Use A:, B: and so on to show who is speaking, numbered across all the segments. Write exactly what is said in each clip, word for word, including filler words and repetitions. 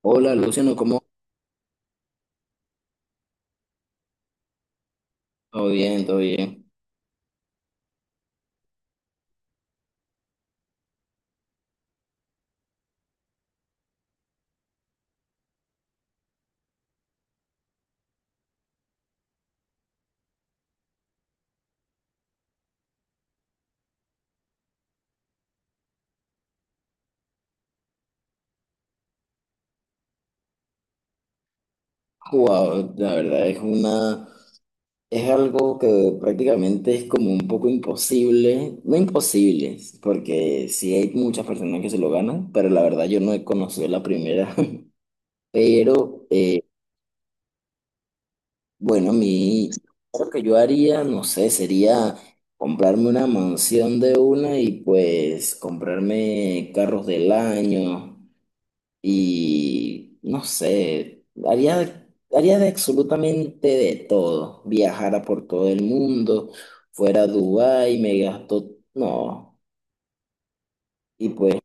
A: Hola Luciano, ¿cómo vas? Todo bien, todo bien. Wow, la verdad es una, es algo que prácticamente es como un poco imposible, no imposible, porque sí hay muchas personas que se lo ganan, pero la verdad yo no he conocido la primera. Pero eh, bueno, mi, lo que yo haría, no sé, sería comprarme una mansión de una y pues comprarme carros del año. Y no sé, haría, haría de absolutamente de todo. Viajara por todo el mundo, fuera a Dubái, me gasto. No. Y pues,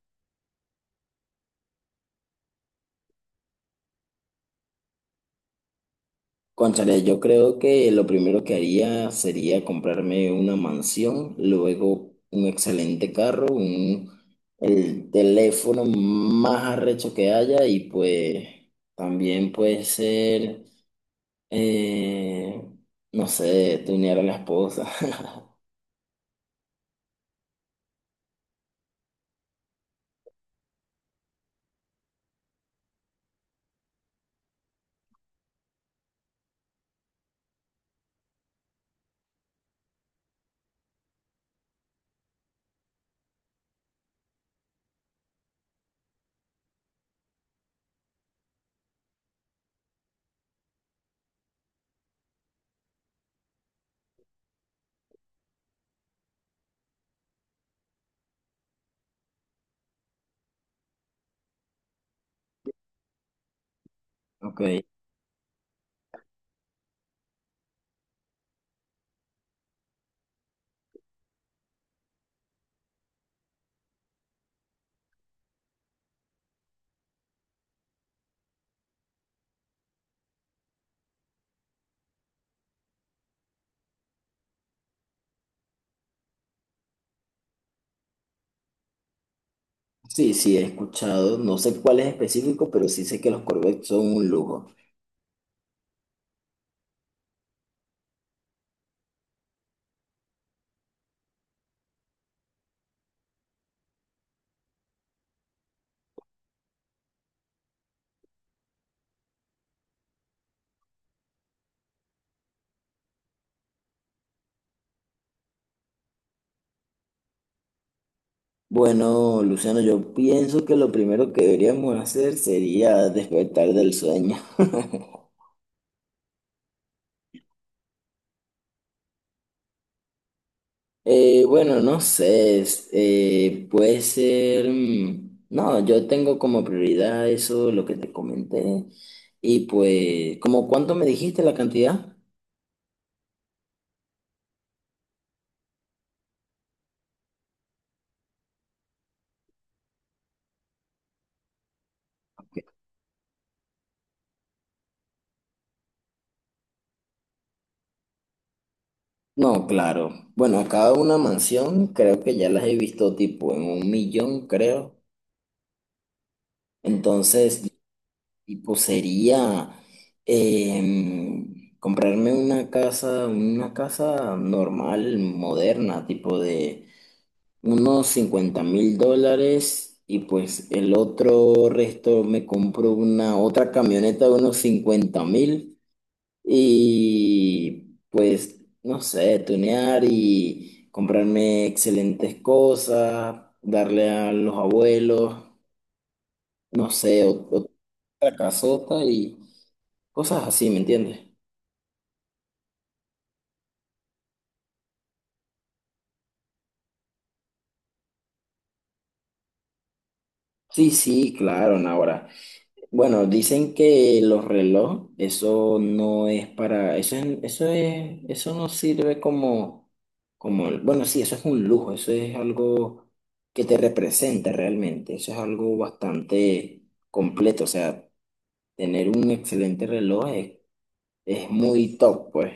A: cónchale, yo creo que lo primero que haría sería comprarme una mansión, luego un excelente carro, un, el teléfono más arrecho que haya y pues también puede ser, eh, no sé, tunear a la esposa. Ok, sí, sí, he escuchado, no sé cuál es específico, pero sí sé que los Corvettes son un lujo. Bueno, Luciano, yo pienso que lo primero que deberíamos hacer sería despertar del sueño. Eh, bueno, no sé, es- eh, puede ser, mm, no, yo tengo como prioridad eso, lo que te comenté, y pues, ¿como cuánto me dijiste la cantidad? Ok. No, claro. Bueno, cada una mansión creo que ya las he visto tipo en un millón, creo. Entonces, tipo, sería em, comprarme una casa, una casa normal, moderna, tipo de unos cincuenta mil dólares y pues el otro resto me compro una otra camioneta de unos cincuenta mil y pues, no sé, tunear y comprarme excelentes cosas, darle a los abuelos, no sé, ot- otra casota y... Cosas así, ¿me entiendes? Sí, sí, claro, no, ahora. Bueno, dicen que los relojes, eso no es para, eso es, eso es, eso no sirve como, como, el- bueno, sí, eso es un lujo, eso es algo que te representa realmente, eso es algo bastante completo, o sea, tener un excelente reloj es, es, muy top, pues.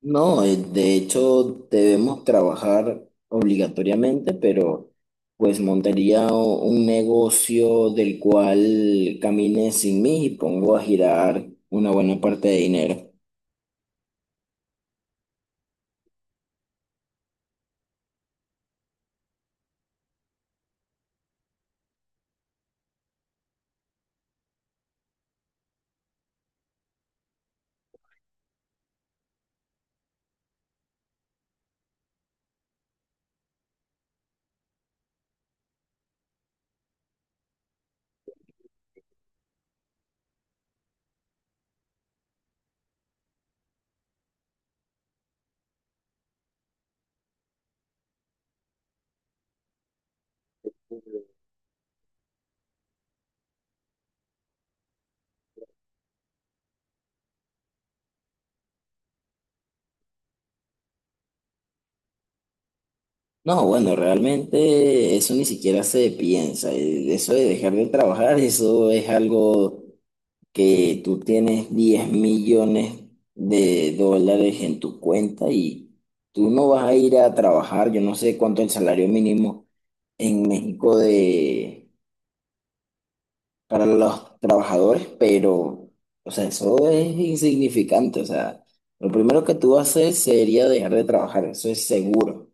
A: No, eh, de hecho debemos trabajar obligatoriamente, pero pues montaría o- un negocio del cual camine sin mí y pongo a girar una buena parte de dinero. No, bueno, realmente eso ni siquiera se piensa. eh, Eso de dejar de trabajar, eso es algo que tú tienes diez millones de dólares en tu cuenta y tú no vas a ir a trabajar, yo no sé cuánto es el salario mínimo en México de, para los trabajadores, pero, o sea, eso es insignificante. O sea, lo primero que tú haces sería dejar de trabajar, eso es seguro.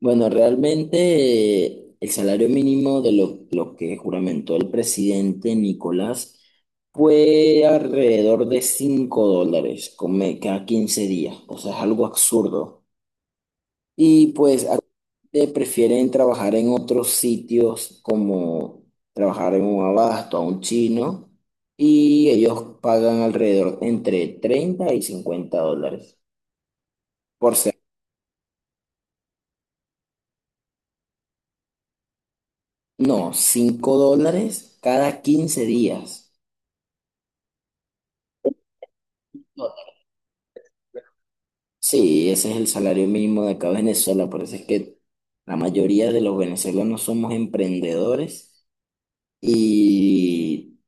A: Bueno, realmente eh, el salario mínimo de lo, lo que juramentó el presidente Nicolás fue alrededor de cinco dólares come- cada quince días. O sea, es algo absurdo. Y pues actualmente prefieren trabajar en otros sitios como trabajar en un abasto, a un chino, y ellos pagan alrededor entre treinta y cincuenta dólares por ser. No, cinco dólares cada quince días. Sí, ese es el salario mínimo de acá de Venezuela, por eso es que la mayoría de los venezolanos somos emprendedores y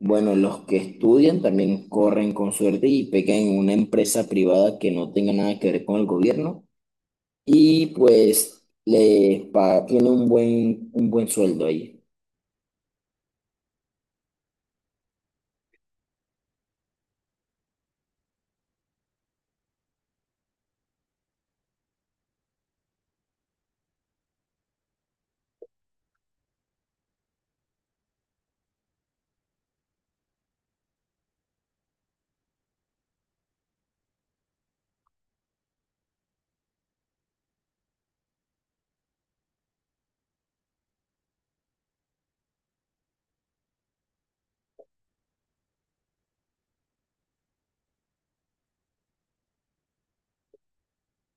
A: bueno, los que estudian también corren con suerte y pegan en una empresa privada que no tenga nada que ver con el gobierno y pues les pa- tiene un buen, un buen sueldo ahí.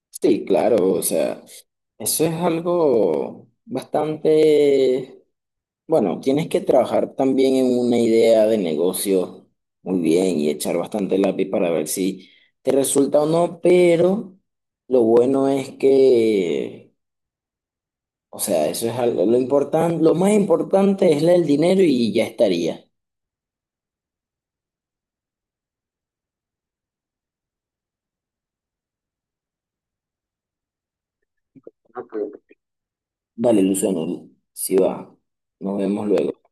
A: Sí, claro, o sea, eso es algo bastante, bueno, tienes que trabajar también en una idea de negocio muy bien y echar bastante lápiz para ver si te resulta o no, pero lo bueno es que o sea, eso es algo, lo importante, lo más importante es el dinero y ya estaría. Vale, Luciano, si va. Nos vemos luego.